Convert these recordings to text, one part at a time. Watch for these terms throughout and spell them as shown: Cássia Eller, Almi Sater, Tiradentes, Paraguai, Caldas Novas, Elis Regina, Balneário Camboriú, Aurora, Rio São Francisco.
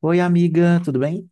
Oi, amiga, tudo bem?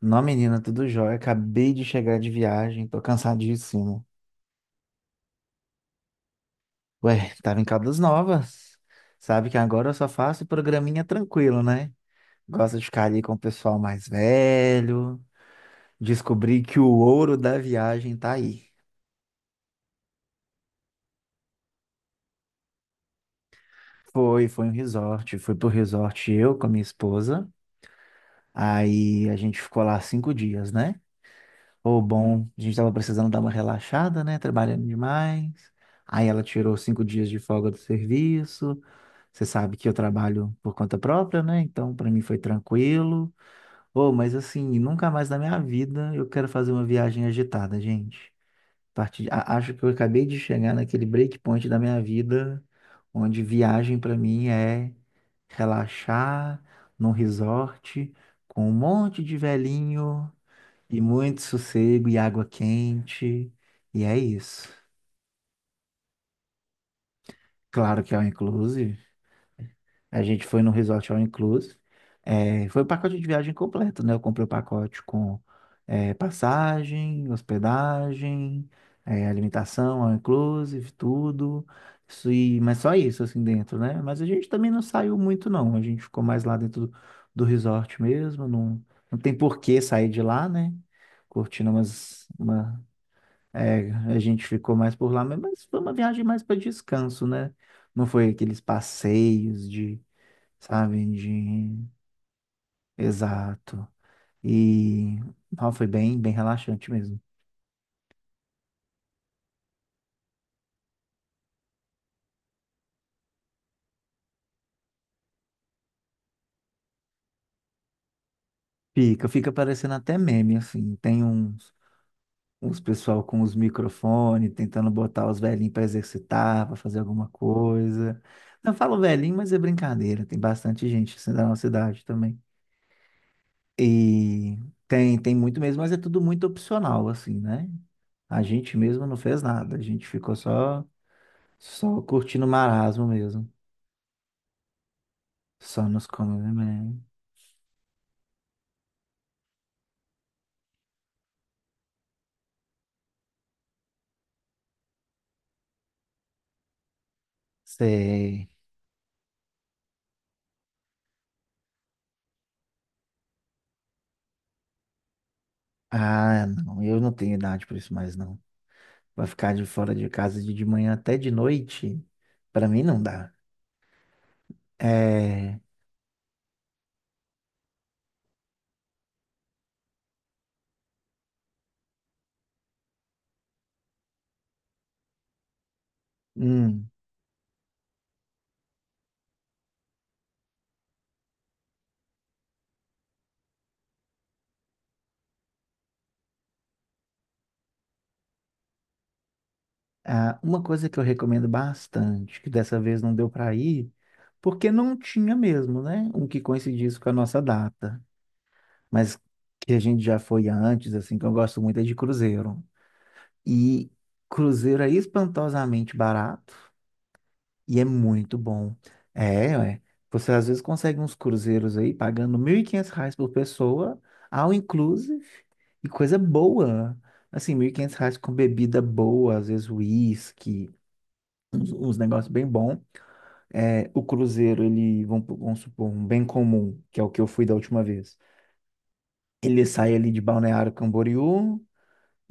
Não, menina, tudo jóia. Acabei de chegar de viagem, tô cansadíssimo. Ué, tava em Caldas Novas. Sabe que agora eu só faço programinha tranquilo, né? Gosto de ficar ali com o pessoal mais velho. Descobri que o ouro da viagem tá aí. Foi um resort. Fui pro resort eu com a minha esposa. Aí a gente ficou lá 5 dias, né? Ô, bom, a gente tava precisando dar uma relaxada, né? Trabalhando demais. Aí ela tirou 5 dias de folga do serviço. Você sabe que eu trabalho por conta própria, né? Então, pra mim foi tranquilo. Ô, mas assim, nunca mais na minha vida eu quero fazer uma viagem agitada, gente. Acho que eu acabei de chegar naquele breakpoint da minha vida, onde viagem pra mim é relaxar num resort com um monte de velhinho. E muito sossego e água quente. E é isso. Claro que é all inclusive. A gente foi num resort all inclusive. É, foi o pacote de viagem completo, né? Eu comprei o pacote com passagem, hospedagem, alimentação, all inclusive, tudo. Isso, e, mas só isso, assim, dentro, né? Mas a gente também não saiu muito, não. A gente ficou mais lá dentro do resort mesmo. Não, não tem por que sair de lá, né? Curtindo umas, uma- É, a gente ficou mais por lá, mas foi uma viagem mais para descanso, né? Não foi aqueles passeios de, sabe, de... Exato. E ó, foi bem, bem relaxante mesmo. Fica parecendo até meme, assim. Tem uns pessoal com os microfones tentando botar os velhinhos para exercitar, para fazer alguma coisa. Não falo velhinho, mas é brincadeira. Tem bastante gente assim da nossa idade também. E tem muito mesmo, mas é tudo muito opcional, assim, né? A gente mesmo não fez nada. A gente ficou só curtindo o marasmo mesmo. Só nos comes, sei. Ah, não. Eu não tenho idade para isso mais, não. Vai ficar de fora de casa de manhã até de noite? Para mim não dá. É. hum, ah, uma coisa que eu recomendo bastante, que dessa vez não deu para ir, porque não tinha mesmo, né? Um que coincidisse com a nossa data. Mas que a gente já foi antes, assim, que eu gosto muito é de cruzeiro. E cruzeiro é espantosamente barato e é muito bom. É, ué. Você às vezes consegue uns cruzeiros aí pagando R$ 1.500 por pessoa, all inclusive, e coisa boa. Assim, R$ 1.500 com bebida boa, às vezes uísque, uns negócios bem bom. É, o cruzeiro, ele, vamos supor, um bem comum, que é o que eu fui da última vez. Ele sai ali de Balneário Camboriú,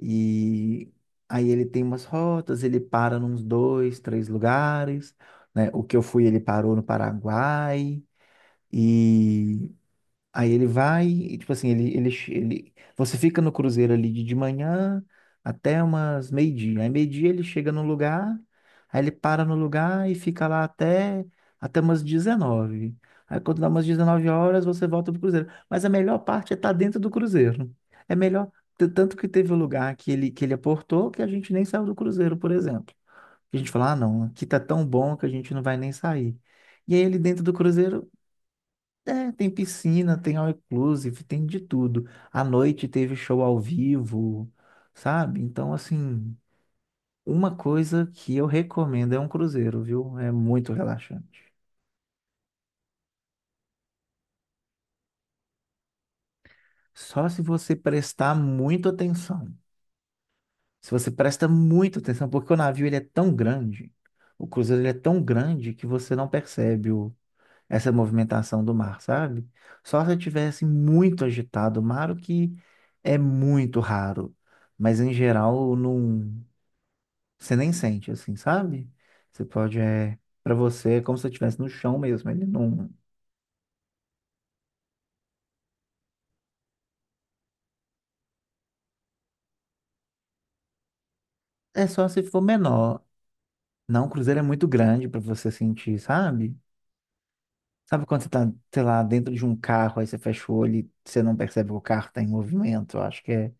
e aí ele tem umas rotas, ele para nos dois, três lugares, né? O que eu fui, ele parou no Paraguai. E aí ele vai, e, tipo assim, você fica no cruzeiro ali de manhã até umas meio-dia. Aí meio-dia ele chega no lugar, aí ele para no lugar e fica lá até umas dezenove. Aí quando dá umas 19 horas, você volta pro cruzeiro. Mas a melhor parte é estar dentro do cruzeiro. É melhor, tanto que teve um lugar que ele aportou que a gente nem saiu do cruzeiro, por exemplo. A gente falou, ah, não, aqui tá tão bom que a gente não vai nem sair. E aí ele dentro do cruzeiro tem piscina, tem all inclusive, tem de tudo. À noite teve show ao vivo, sabe? Então, assim, uma coisa que eu recomendo é um cruzeiro, viu? É muito relaxante. Só se você prestar muito atenção. Se você presta muito atenção, porque o navio ele é tão grande, o cruzeiro ele é tão grande que você não percebe essa movimentação do mar, sabe? Só se eu tivesse muito agitado o mar, o que é muito raro. Mas em geral, não, você nem sente assim, sabe? Você pode, é, para você, é como se você estivesse no chão mesmo. Ele não. É só se for menor. Não, o cruzeiro é muito grande para você sentir, sabe? Sabe quando você tá, sei lá, dentro de um carro, aí você fecha o olho e você não percebe que o carro tá em movimento? Eu Acho que é,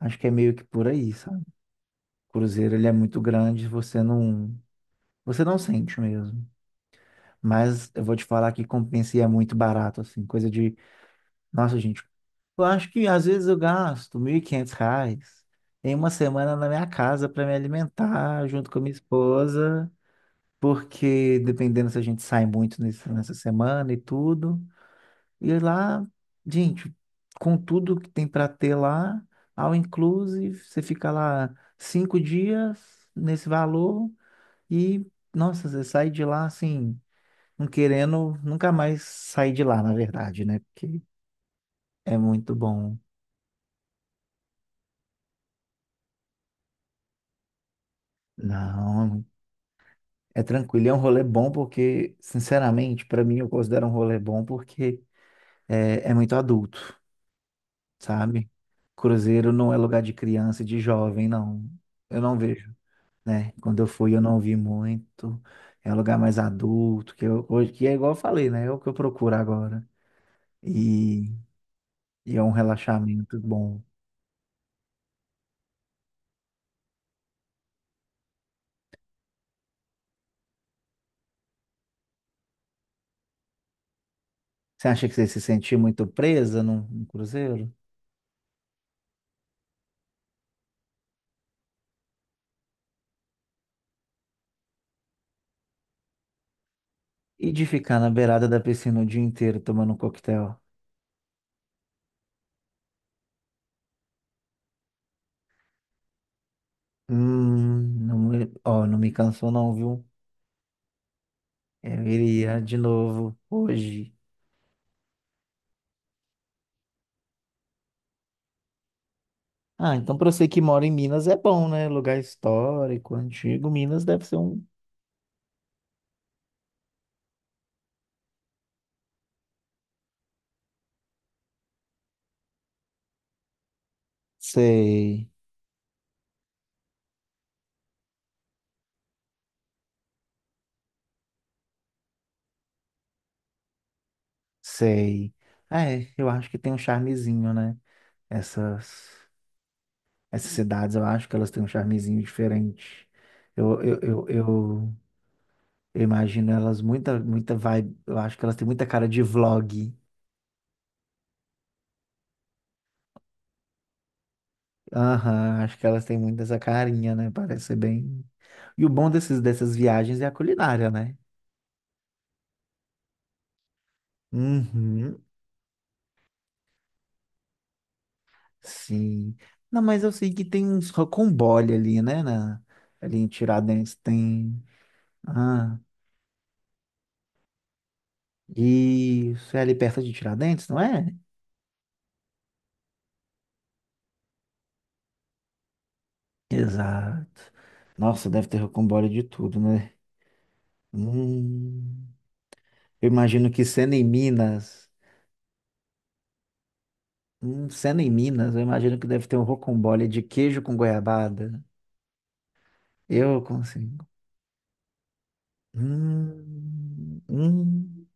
acho que é meio que por aí, sabe? O cruzeiro, ele é muito grande, você não sente mesmo. Mas eu vou te falar que compensa e é muito barato, assim. Coisa de. Nossa, gente, eu acho que às vezes eu gasto R$ 1.500 em uma semana na minha casa para me alimentar junto com a minha esposa. Porque dependendo se a gente sai muito nessa semana e tudo. E lá, gente, com tudo que tem para ter lá, ao inclusive, você fica lá 5 dias nesse valor e, nossa, você sai de lá assim. Não querendo nunca mais sair de lá, na verdade, né? Porque é muito bom. Não, é tranquilo. É um rolê bom porque, sinceramente, pra mim eu considero um rolê bom porque é muito adulto, sabe? Cruzeiro não é lugar de criança e de jovem, não. Eu não vejo, né? Quando eu fui, eu não vi muito. É um lugar mais adulto, que eu, hoje, que é igual eu falei, né? É o que eu procuro agora. E, e é um relaxamento bom. Você acha que você se sentiu muito presa num cruzeiro? E de ficar na beirada da piscina o dia inteiro tomando um coquetel? Não, ó, não me cansou não, viu? Eu iria de novo hoje. Ah, então pra você que mora em Minas é bom, né? Lugar histórico, antigo. Minas deve ser um... Sei, sei. Ah, é, eu acho que tem um charmezinho, né? Essas, essas cidades, eu acho que elas têm um charmezinho diferente. Eu, eu, eu, eu Eu imagino elas muita, muita vibe. Eu acho que elas têm muita cara de vlog. Aham, acho que elas têm muito essa carinha, né? Parece ser bem. E o bom dessas viagens é a culinária, né? Uhum, sim. Não, mas eu sei que tem uns rocambole ali, né? Ali em Tiradentes tem. Ah, isso é ali perto de Tiradentes, não é? Exato. Nossa, deve ter rocambole de tudo, né? Hum. Eu imagino que sendo em Minas. Sendo em Minas, eu imagino que deve ter um rocambole de queijo com goiabada. Eu consigo. Hum, hum.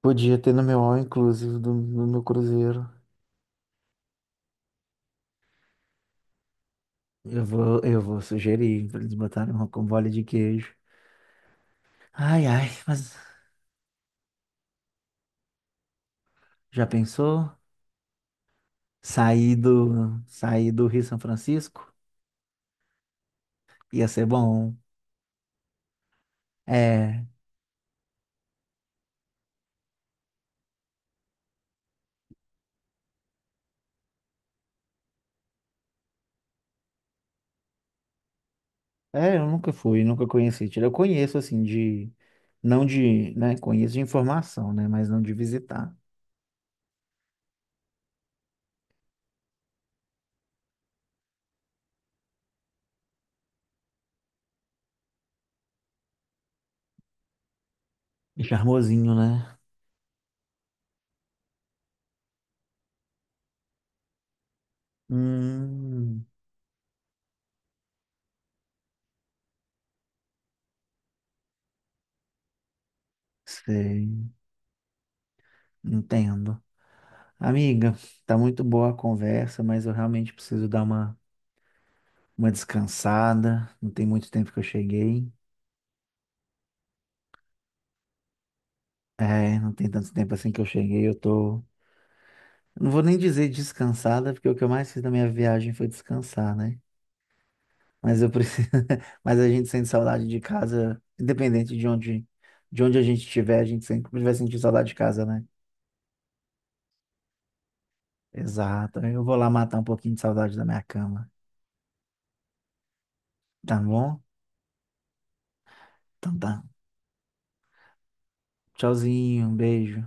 Podia ter no meu all inclusive do meu cruzeiro. Eu vou sugerir para eles botarem um rocambole de queijo. Ai, ai, mas já pensou? Sair do Rio São Francisco? Ia ser bom. É, eu nunca fui, nunca conheci. Eu conheço assim de, não de, né, conheço de informação, né, mas não de visitar. Charmosinho, né? Hum, sei, entendo. Amiga, tá muito boa a conversa, mas eu realmente preciso dar uma descansada. Não tem muito tempo que eu cheguei. É, não tem tanto tempo assim que eu cheguei. Eu tô. Não vou nem dizer descansada, porque o que eu mais fiz na minha viagem foi descansar, né? Mas eu preciso. Mas a gente sente saudade de casa, independente de onde, a gente estiver, a gente sempre vai sentir saudade de casa, né? Exato. Eu vou lá matar um pouquinho de saudade da minha cama. Tá bom? Então tá. Tchauzinho, um beijo.